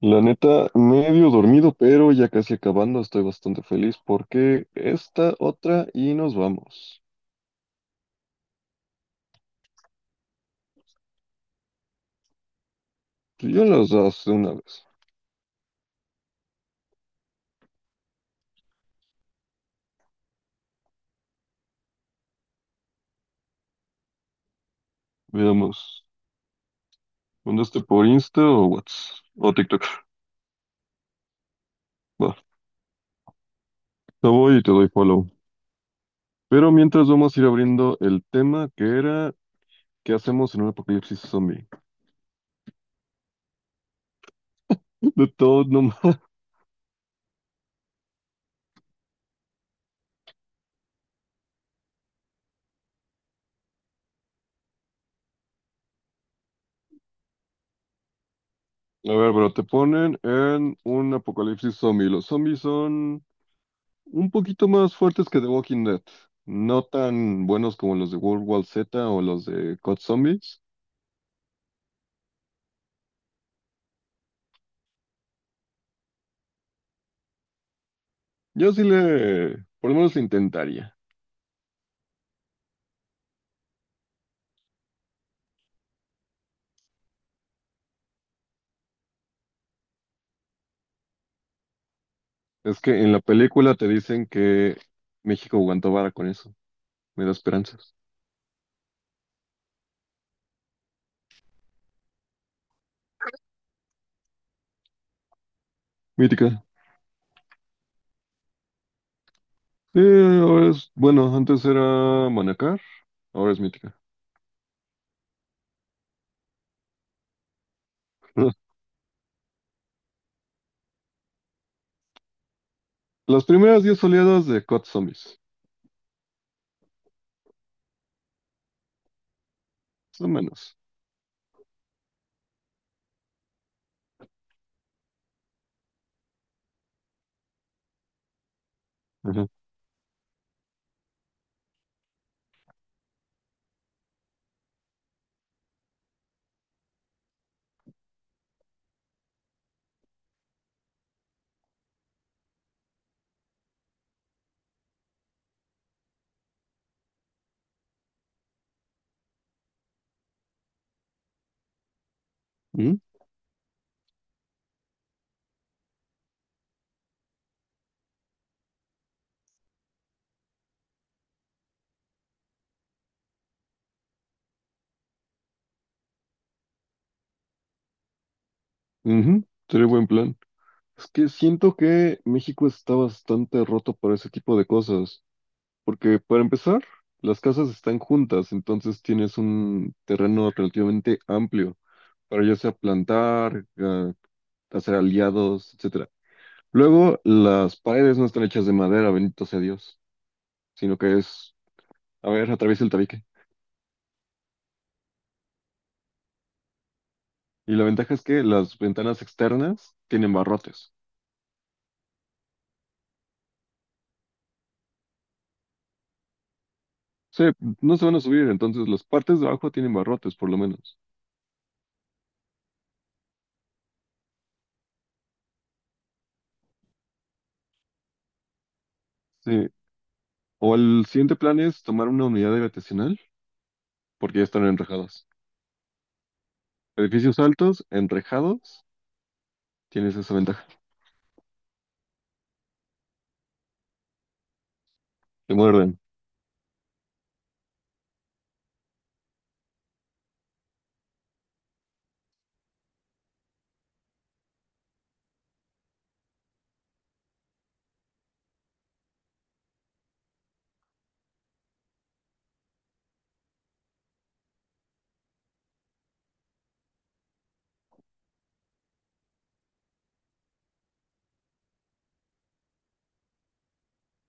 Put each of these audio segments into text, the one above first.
La neta, medio dormido, pero ya casi acabando, estoy bastante feliz porque esta otra y nos vamos. Pues yo las das de una vez. Veamos, ¿mandaste por Insta o WhatsApp? O TikTok. Va, te voy y te doy follow. Pero mientras vamos a ir abriendo el tema que era, ¿qué hacemos en un apocalipsis zombie? De todo, no. A ver, pero te ponen en un apocalipsis zombie. Los zombies son. Un poquito más fuertes que The Walking Dead. No tan buenos como los de World War Z o los de Cod Zombies. Yo sí le, por lo menos le intentaría. Es que en la película te dicen que México aguantó vara con eso. Me da esperanzas. Mítica. Ahora es, bueno, antes era Manacar, ahora es Mítica. Las primeras 10 oleadas de Cod Zombies. Más o menos. Ajá. Ujú, ujú, sería buen plan. Es que siento que México está bastante roto para ese tipo de cosas. Porque para empezar, las casas están juntas, entonces tienes un terreno relativamente amplio para ya sea plantar, hacer aliados, etcétera. Luego, las paredes no están hechas de madera, bendito sea Dios, sino que es, a ver, atraviesa el tabique. Y la ventaja es que las ventanas externas tienen barrotes. Sí, no se van a subir, entonces las partes de abajo tienen barrotes, por lo menos. Sí. O el siguiente plan es tomar una unidad habitacional, porque ya están enrejadas. Edificios altos, enrejados. Tienes esa ventaja. Te muerden.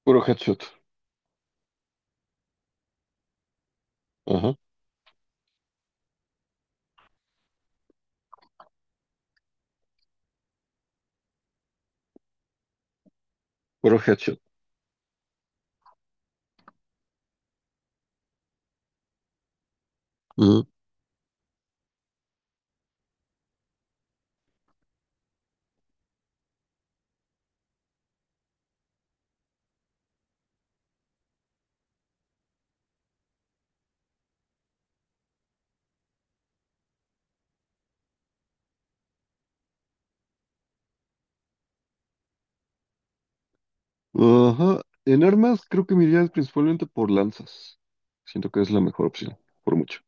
Puro headshot. Ajá. Puro headshot. Ajá. Ajá. En armas creo que me iría principalmente por lanzas. Siento que es la mejor opción, por mucho.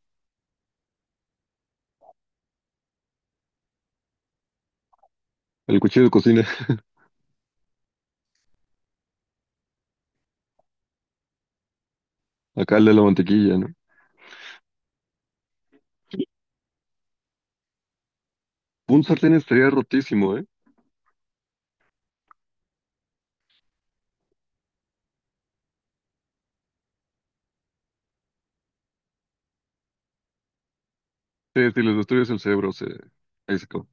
El cuchillo de cocina, acá el de la mantequilla, ¿no? Un sartén estaría rotísimo, ¿eh? Sí, si les destruyes el cerebro, se, ahí se acabó.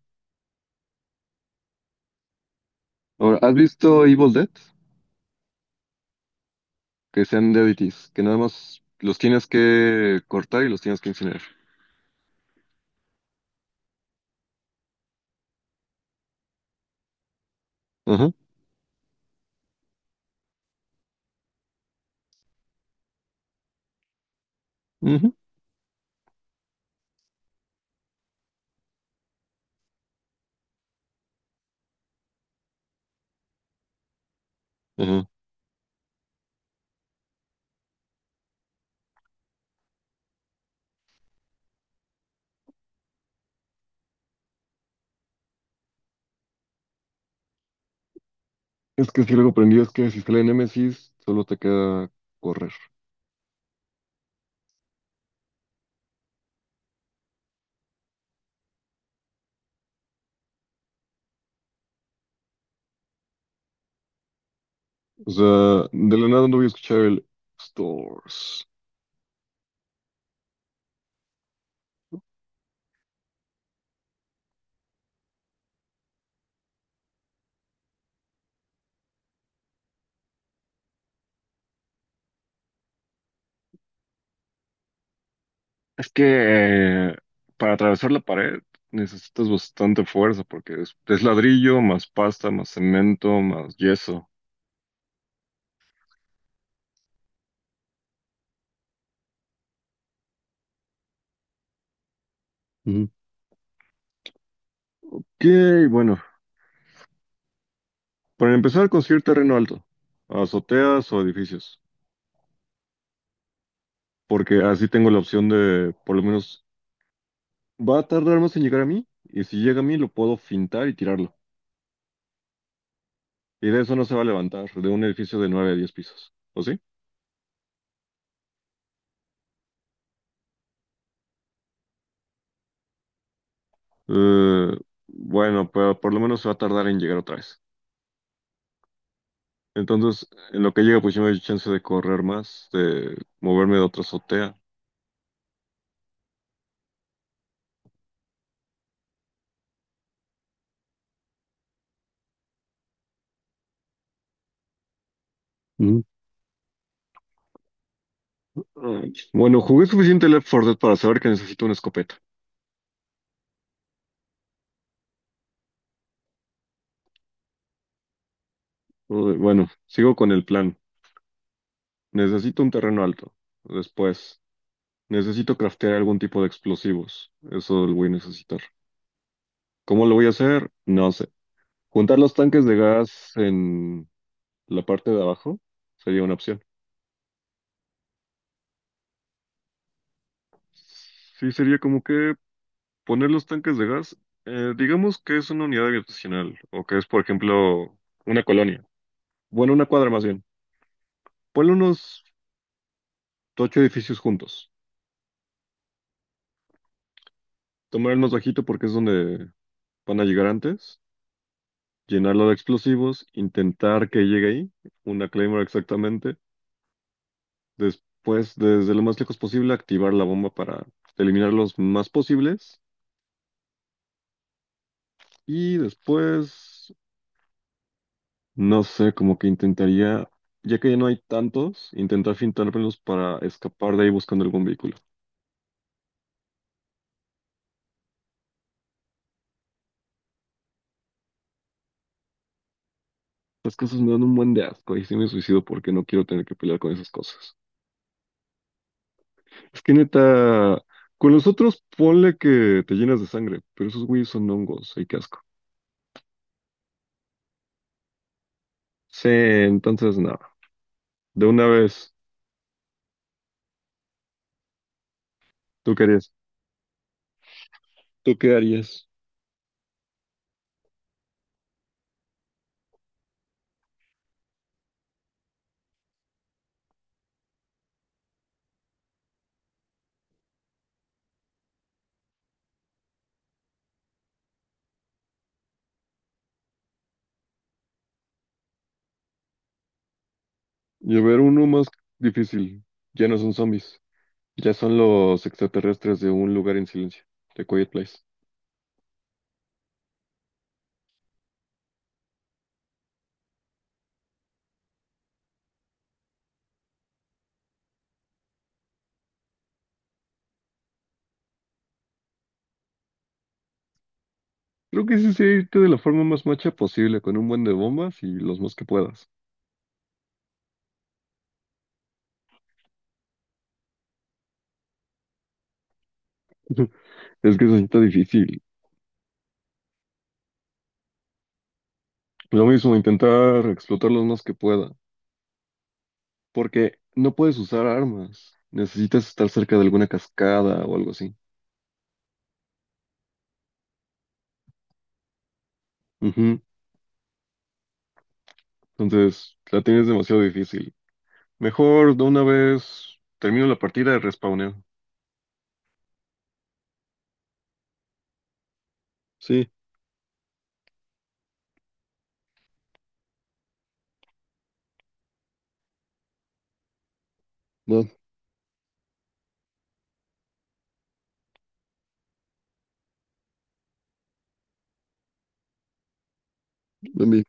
Ahora, ¿has visto Evil Dead? Que sean deadities, que nada más los tienes que cortar y los tienes que incinerar. Ajá, ujú, ajá. Es que si luego aprendí es que si sale Nemesis, solo te queda correr. O sea, de la nada no voy a escuchar el Stores. Es que eh, para atravesar la pared necesitas bastante fuerza porque es ladrillo, más pasta, más cemento, más yeso. Ujú. Ok, bueno, para empezar construir terreno alto, azoteas o edificios, porque así tengo la opción de por lo menos. Va a tardar más en llegar a mí, y si llega a mí lo puedo fintar y tirarlo. Y de eso no se va a levantar, de un edificio de nueve a diez pisos, ¿o sí? Eh, bueno, pero por lo menos se va a tardar en llegar otra vez. Entonces, en lo que llega, pues yo me doy chance de correr más, de moverme de otra azotea. Mm. Ay, bueno, jugué suficiente Left 4 Dead para saber que necesito una escopeta. Uy, bueno, sigo con el plan. Necesito un terreno alto. Después, necesito craftear algún tipo de explosivos. Eso lo voy a necesitar. ¿Cómo lo voy a hacer? No sé. Juntar los tanques de gas en la parte de abajo sería una opción. Sí, sería como que poner los tanques de gas, digamos que es una unidad habitacional o que es, por ejemplo, una colonia. Bueno, una cuadra más bien. Ponle unos ocho edificios juntos. Tomar el más bajito porque es donde van a llegar antes. Llenarlo de explosivos, intentar que llegue ahí, una Claymore exactamente. Después, desde lo más lejos posible, activar la bomba para eliminar los más posibles. Y después, no sé, como que intentaría, ya que ya no hay tantos, intentar fintármelos para escapar de ahí buscando algún vehículo. Las cosas me dan un buen de asco y sí me suicido porque no quiero tener que pelear con esas cosas. Es que neta, con los otros ponle que te llenas de sangre, pero esos güeyes son hongos, hay que asco. Sí, entonces nada, de una vez, ¿tú qué harías? ¿Tú qué harías? Y a ver, uno más difícil. Ya no son zombies. Ya son los extraterrestres de un lugar en silencio, de Quiet Place. Creo que sí sí irte de la forma más macha posible, con un buen de bombas y los más que puedas. Es que eso sí está difícil. Lo mismo, intentar explotar los más que pueda. Porque no puedes usar armas. Necesitas estar cerca de alguna cascada o algo así. Ujú. Entonces, la tienes demasiado difícil. Mejor de una vez termino la partida de respawneo. Sí, no, envío.